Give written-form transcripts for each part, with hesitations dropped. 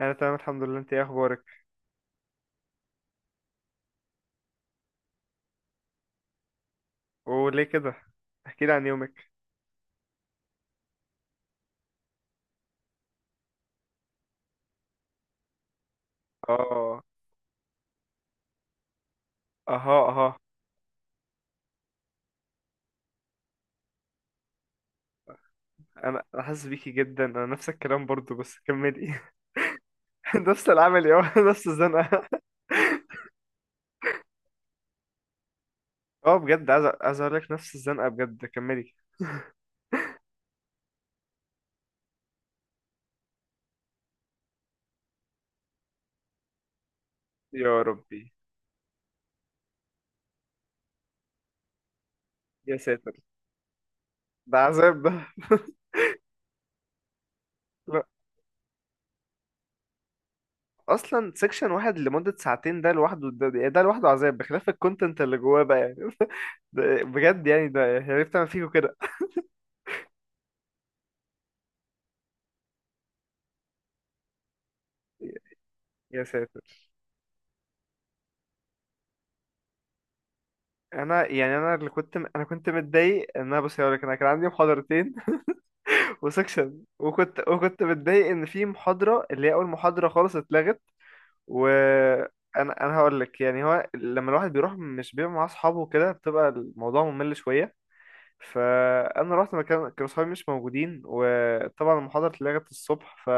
انا تمام، الحمد لله. انت ايه اخبارك؟ وليه كده؟ احكي لي عن يومك. اه. اها، اها. انا حاسس بيكي جدا. انا نفس الكلام برضو، بس كملي. نفس العمل يا نفس الزنقه. اه، بجد عايز عايز اقول لك نفس الزنقه بجد. كملي. يا ربي. يا ساتر. ده عذاب ده. لا، اصلا سيكشن واحد لمده ساعتين ده لوحده، ده لوحده عذاب، بخلاف الكونتنت اللي جواه بقى يعني. ده بجد يعني، ده عرفت اعمل فيكوا كده. يا ساتر. انا يعني، انا كنت متضايق ان انا، بص هقول لك، انا كان عندي محاضرتين وسكشن، وكنت متضايق ان في محاضره اللي هي اول محاضره خالص اتلغت. وانا انا أنا هقول لك يعني، هو لما الواحد بيروح مش بيبقى مع اصحابه كده، بتبقى الموضوع ممل شويه. فانا رحت مكان كانوا اصحابي مش موجودين، وطبعا المحاضره اتلغت الصبح. ف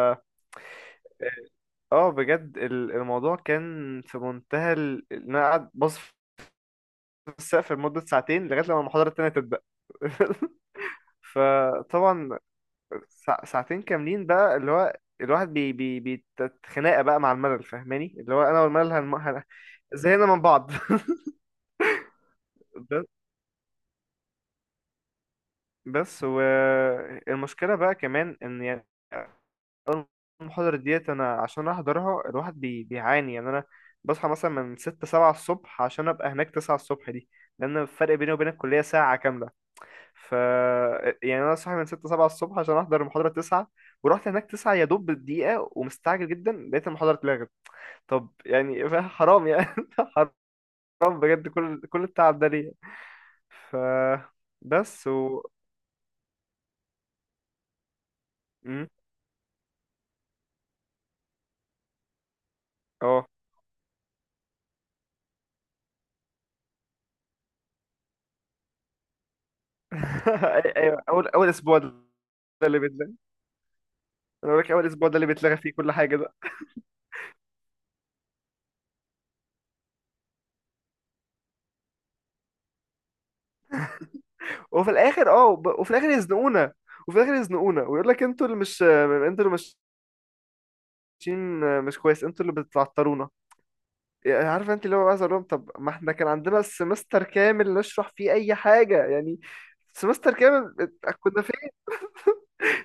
اه، بجد الموضوع كان في منتهى ان انا قاعد باص في السقف لمده ساعتين لغايه لما المحاضره التانيه تبدا. فطبعا ساعتين كاملين بقى، اللي هو الواحد بي بي بيتخناقه بقى مع الملل، فاهماني؟ اللي هو انا والملل زهقنا من بعض. بس بس والمشكله بقى كمان ان يعني، أول المحاضرة ديت، أنا عشان أحضرها الواحد بيعاني، يعني أنا بصحى مثلا من ستة سبعة الصبح عشان أبقى هناك تسعة الصبح دي، لأن الفرق بيني وبين الكلية ساعة كاملة. ف يعني انا صاحي من 6 7 الصبح عشان احضر المحاضره 9، ورحت هناك 9 يا دوب بالدقيقه ومستعجل جدا، لقيت المحاضره اتلغت. طب يعني حرام يعني. حرام بجد. كل التعب ده ليه؟ ف. بس و. مم. اه. ايوه، اول اسبوع ده اللي بيتلغى. انا بقول لك اول اسبوع ده اللي بيتلغى فيه كل حاجه ده. وفي الاخر، اه، وفي الاخر يزنقونا. وفي الاخر يزنقونا ويقول لك، انتوا اللي مش ماشيين مش كويس، انتوا اللي بتعطرونا. يعني عارف انت، اللي هو، عايز اقول لهم طب ما احنا كان عندنا سمستر كامل نشرح فيه اي حاجه يعني. سمستر كامل، كنا فين؟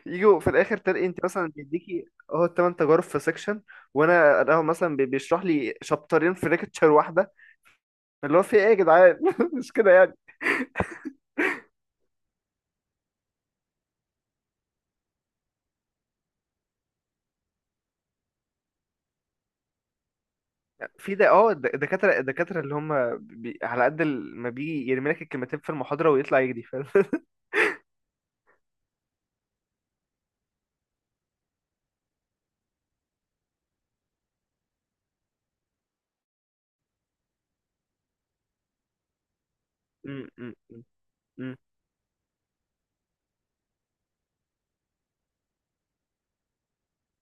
يجوا في الاخر تلاقي انت مثلا بيديكي اهو الثمان تجارب في سيكشن، وانا اهو مثلا بيشرح لي شابترين في ليكتشر واحده، اللي هو في ايه يا جدعان؟ مش كده يعني؟ في ده، اه، الدكاتره اللي هم، على قد ما بيجي يرمي لك الكلمتين في المحاضره ويطلع يجري، فاهم؟ م- م- م- م.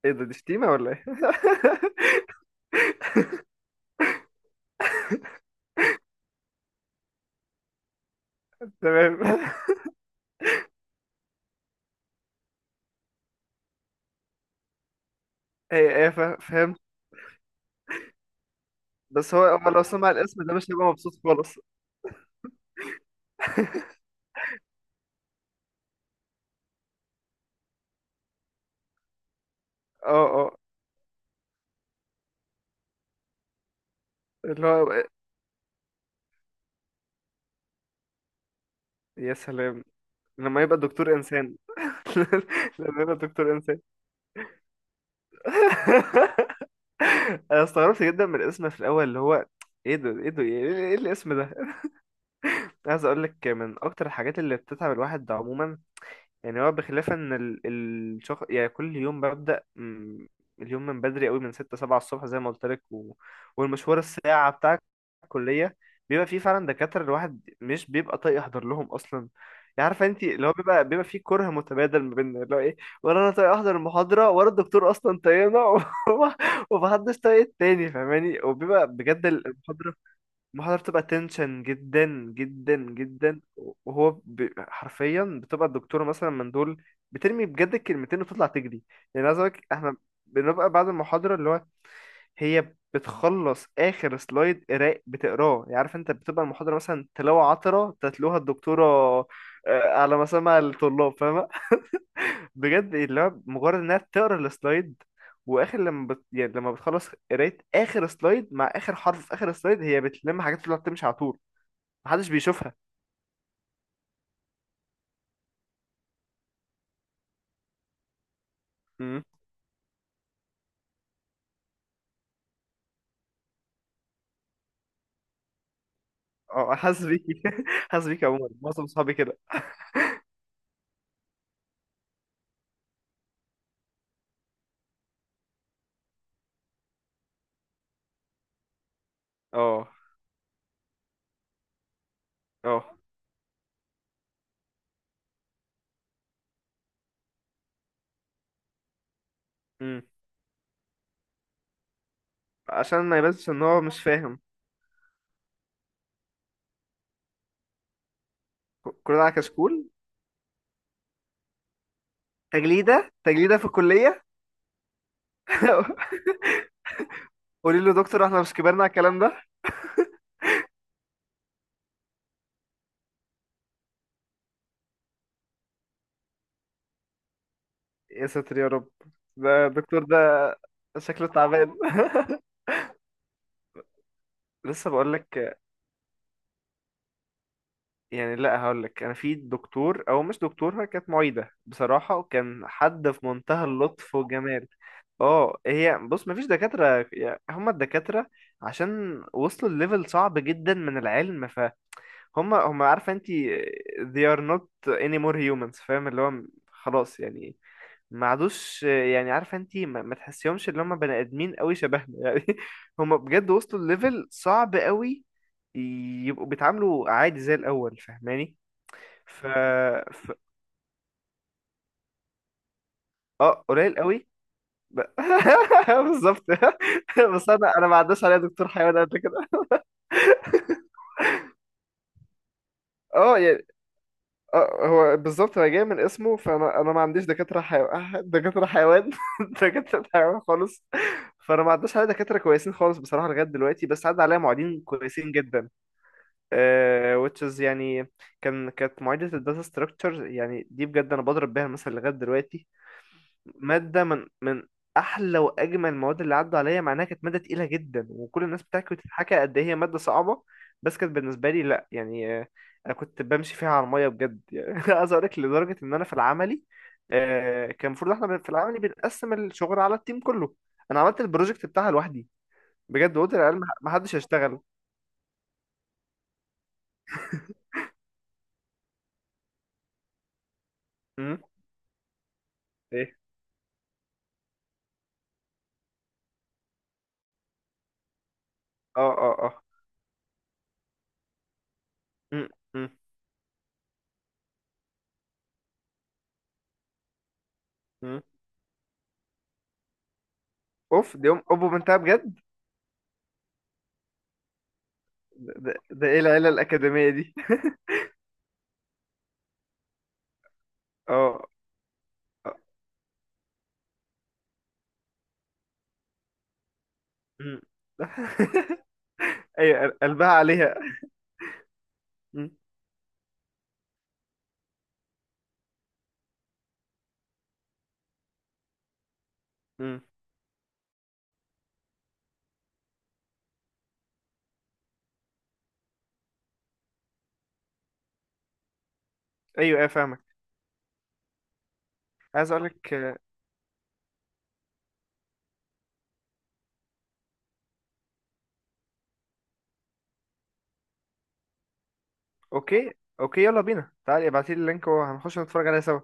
ايه ده، دي شتيمه ولا ايه؟ تمام. هي ايه فاهم؟ بس هو لو سمع الاسم ده مش هيبقى مبسوط خالص. اه، اه، اللي هو، يا سلام لما يبقى دكتور انسان. لما يبقى دكتور انسان. انا استغربت جدا من الاسم في الاول، اللي هو، ايه ده، ايه ده، إيه الاسم ده؟ عايز اقول لك من اكتر الحاجات اللي بتتعب الواحد عموما، يعني هو بخلاف ان الشخص، يعني كل يوم ببدأ اليوم من بدري قوي من ستة سبعة الصبح زي ما قلت لك، و... والمشوار، الساعة بتاع الكلية، بيبقى فيه فعلا دكاترة الواحد مش بيبقى طايق يحضر لهم أصلا، يعني عارفة انت، اللي هو بيبقى فيه كره متبادل ما بيننا، اللي هو ايه، ولا أنا طايق أحضر المحاضرة ولا الدكتور أصلا طايقنا. ومحدش طايق التاني، فاهماني؟ وبيبقى بجد المحاضرة بتبقى تنشن جدا، جدا جدا. وهو حرفيا بتبقى الدكتورة مثلا من دول، بترمي بجد الكلمتين وتطلع تجري. يعني عايز أقولك احنا بنبقى بعد المحاضرة، اللي هو، هي بتخلص آخر سلايد قراء بتقراه، يعني عارف انت، بتبقى المحاضرة مثلا تلاوة عطرة تتلوها الدكتورة على مسامع الطلاب، فاهمة؟ بجد، اللي هو مجرد انها تقرا السلايد، واخر لما يعني لما بتخلص قراية اخر سلايد، مع اخر حرف في اخر سلايد هي بتلم حاجات تطلع تمشي على طول، محدش بيشوفها. امم. اه، حاسس بيكي. حاسس بيكي. عموما معظم صحابي كده. اه، اه. امم. عشان ما يبانش ان هو مش فاهم. كلنا على كشكول. تجليدة تجليدة في الكلية. قولي له دكتور، احنا مش كبرنا على الكلام ده. يا ساتر يا رب. ده الدكتور ده شكله تعبان. لسه بقول لك. يعني لا، هقول لك، انا في دكتور او مش دكتور، هي كانت معيدة بصراحة، وكان حد في منتهى اللطف والجمال. اه، هي بص، مفيش دكاترة، يعني هما الدكاترة عشان وصلوا لليفل صعب جدا من العلم، فهم، هم، عارفة انت، they are not anymore humans، فاهم؟ اللي هو خلاص يعني، ما عادوش، يعني عارفة انت، ما تحسيهمش اللي هم بني ادمين قوي شبهنا يعني. هم بجد وصلوا لليفل صعب قوي يبقوا بيتعاملوا عادي زي الاول، فاهماني؟ ف... ف... اه، قليل قوي. ب... بالظبط. بس انا ما عداش عليا دكتور حيوان قبل كده، اه يعني. اه، هو بالظبط، هو جاي من اسمه. فانا ما عنديش دكاتره حيوان، دكاتره حيوان دكاتره حيوان خالص. فانا ما عداش عليا دكاتره كويسين خالص بصراحه لغايه دلوقتي، بس عدى عليا معيدين كويسين جدا. Which is يعني، كانت معيده الداتا ستراكشر يعني، دي بجد انا بضرب بيها المثل لغايه دلوقتي. مادة من أحلى وأجمل المواد اللي عدوا عليا، مع إنها كانت مادة تقيلة جدا، وكل الناس بتحكي وتتحكى قد إيه هي مادة صعبة، بس كانت بالنسبة لي لأ يعني. أنا كنت بمشي فيها على المية بجد يعني. عايز أقول لك، لدرجة إن أنا في العملي، كان المفروض إحنا في العملي بنقسم الشغل على التيم كله، أنا عملت البروجكت بتاعها لوحدي بجد، وقلت للعيال محدش هيشتغل. أمم. إيه. أه، أه، أه. أمم. أمم. أمم. أوف، دي أم أوبو بنتها بجد. ده إيه العيلة الأكاديمية دي؟ أه. مم. ايوه، قلبها عليها. مم. مم. ايوه، ايوه، فاهمك. عايز اقول لك اوكي. اوكي، يلا بينا، تعالي ابعتي لي اللينك وهنخش نتفرج عليها سوا.